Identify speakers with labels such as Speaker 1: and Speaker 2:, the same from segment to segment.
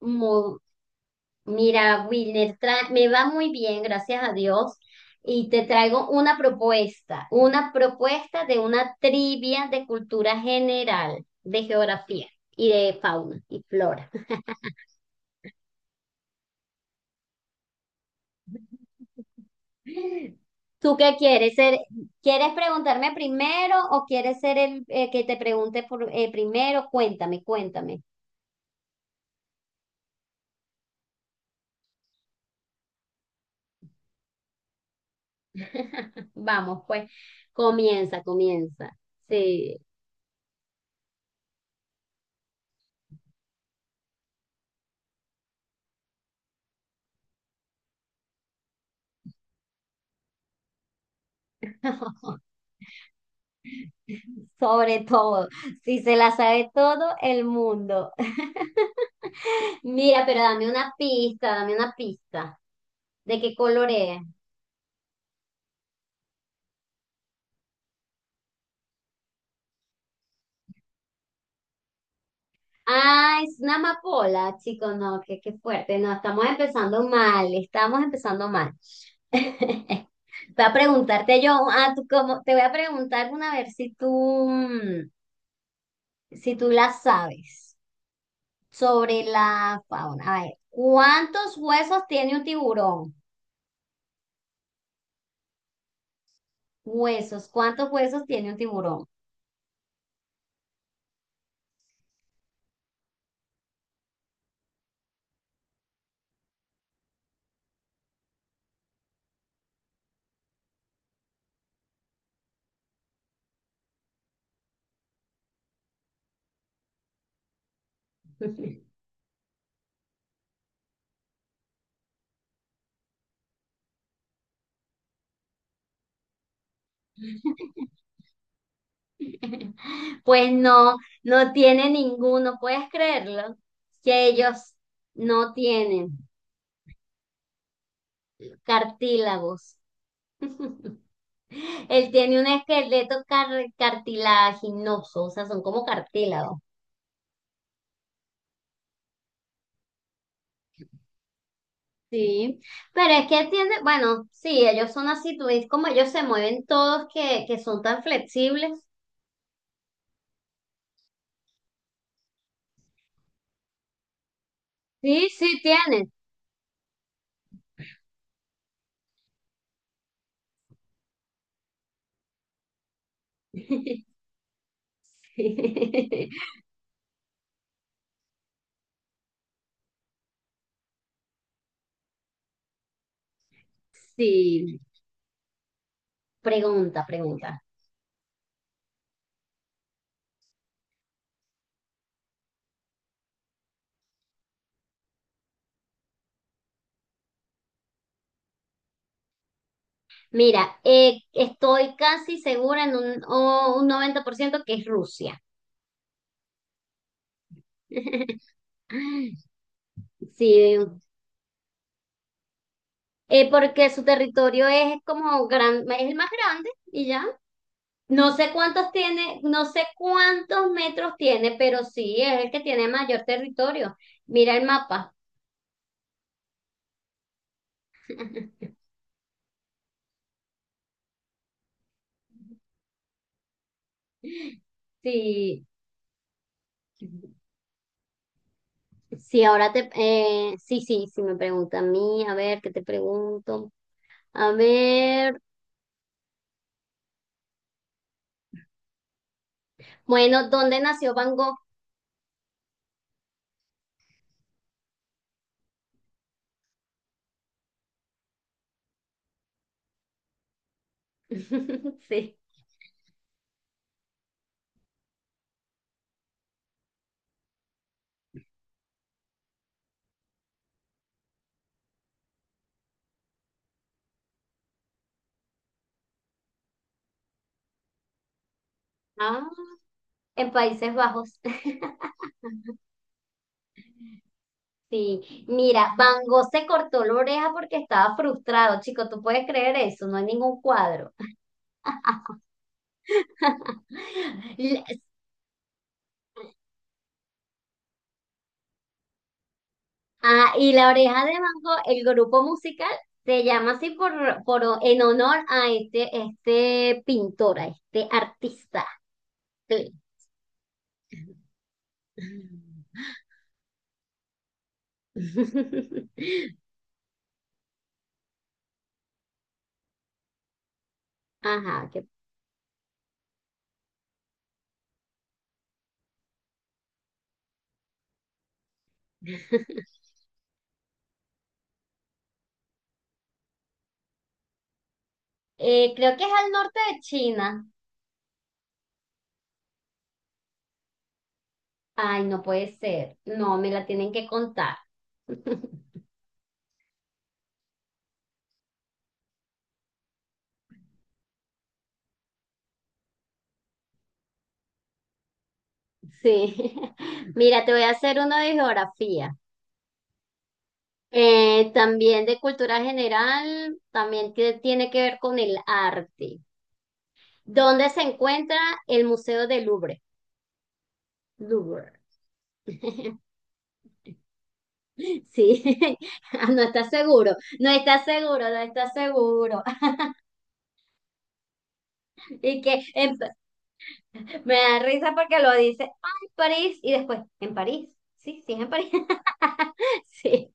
Speaker 1: Mu- Mira, Wilner, me va muy bien, gracias a Dios. Y te traigo una propuesta de una trivia de cultura general, de geografía y de fauna y flora. ¿Tú qué quieres ser? ¿Quieres preguntarme primero o quieres ser el que te pregunte primero? Cuéntame, cuéntame. Vamos, pues, comienza, comienza. Sí. Sobre todo, si se la sabe todo el mundo. Mira, pero dame una pista, dame una pista. ¿De qué color es? Ah, es una amapola, chicos, no, qué fuerte. No, estamos empezando mal, estamos empezando mal. Voy a preguntarte yo, ah, te voy a preguntar una a ver si tú la sabes sobre la fauna. A ver, ¿cuántos huesos tiene un tiburón? Huesos. ¿Cuántos huesos tiene un tiburón? Pues no, no tiene ninguno. ¿Puedes creerlo? Que ellos no tienen cartílagos. Él tiene un esqueleto cartilaginoso, o sea, son como cartílagos. Sí, pero es que tiene, bueno, sí, ellos son así, tú ves como ellos se mueven todos que son tan flexibles. Sí, sí, tienen. Sí. Pregunta, pregunta. Mira, estoy casi segura en un, o un 90% que es Rusia. Sí, porque su territorio es es el más grande y ya. No sé cuántos tiene, no sé cuántos metros tiene, pero sí es el que tiene mayor territorio. Mira el mapa. Sí, sí, ahora sí, sí, sí me pregunta a mí, a ver, ¿qué te pregunto? A ver. Bueno, ¿dónde nació Van Gogh? Sí. Ah, en Países Bajos. Sí. Mira, Van Gogh se cortó la oreja porque estaba frustrado, chico. ¿Tú puedes creer eso? No hay ningún cuadro. La- Ah, y la oreja de Van Gogh, el grupo musical, se llama así por en honor a este, este pintor, a este artista. Sí. Ajá. Creo que es al norte de China. Ay, no puede ser. No, me la tienen que contar. Sí. Mira, te voy a hacer uno de geografía. También de cultura general, también tiene que ver con el arte. ¿Dónde se encuentra el Museo del Louvre? Louvre. Sí, Ah, no estás seguro, no estás seguro, no estás seguro. Y que me da risa porque lo dice, ay, París, y después, en París. Sí, sí, es en París. Sí.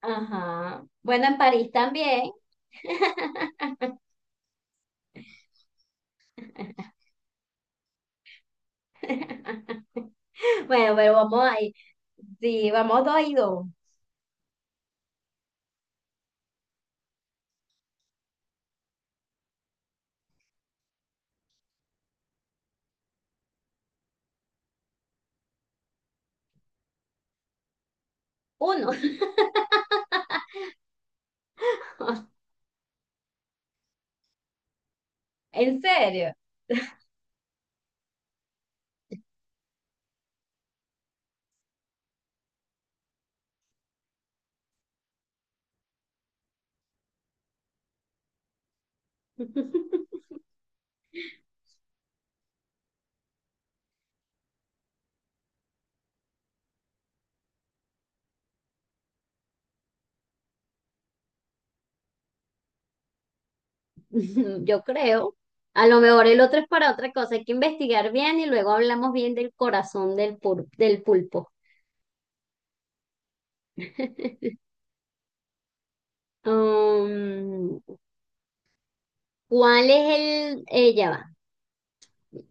Speaker 1: Ajá. Bueno, en París también. Bueno, pero vamos ahí. Sí, vamos 2-2. Uno. ¿En serio? Yo creo. A lo mejor el otro es para otra cosa. Hay que investigar bien y luego hablamos bien del corazón del, del pulpo. Um, ¿Cuál es el...? Ella va.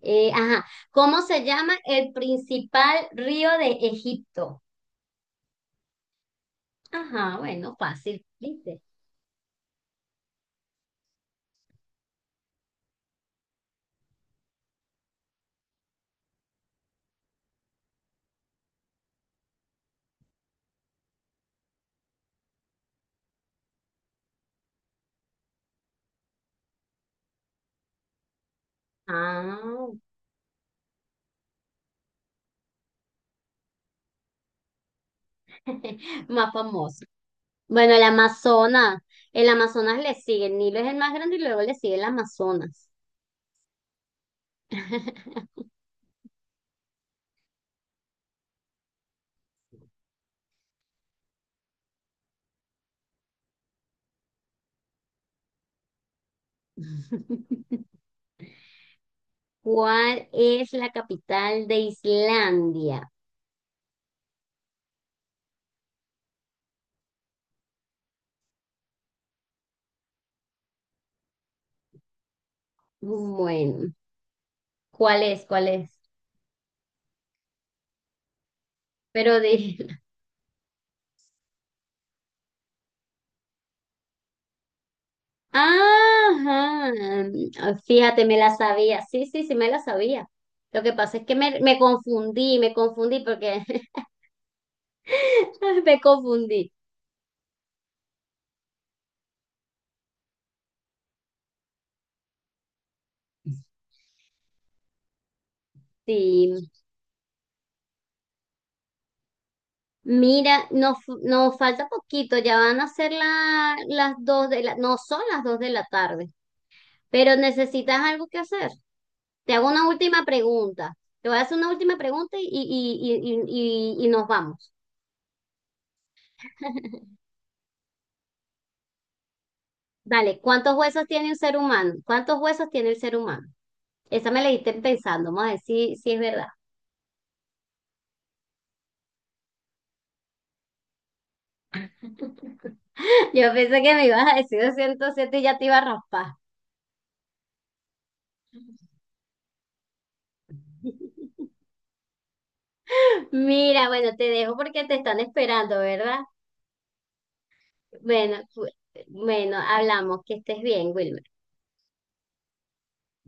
Speaker 1: Ajá. ¿Cómo se llama el principal río de Egipto? Ajá, bueno, fácil, ¿viste? Ah, más famoso. Bueno, el Amazonas. El Amazonas le sigue. El Nilo es el más grande y luego le sigue el Amazonas. ¿Cuál es la capital de Islandia? Bueno, ¿cuál es? ¿Cuál es? Pero de... Ajá. Fíjate, me la sabía. Sí, sí, sí, me la sabía. Lo que pasa es que me confundí, me confundí porque me confundí. Sí, mira, nos falta poquito, ya van a ser las dos no son las dos de la tarde, pero necesitas algo que hacer. Te hago una última pregunta. Te voy a hacer una última pregunta y nos vamos. Dale, ¿cuántos huesos tiene un ser humano? ¿Cuántos huesos tiene el ser humano? Esa me la diste pensando, vamos a ver si es verdad. Yo pensé que me ibas a decir 207 y ya te iba a raspar. Mira, bueno, te dejo porque te están esperando, ¿verdad? Bueno, bueno, hablamos, que estés bien, Wilmer.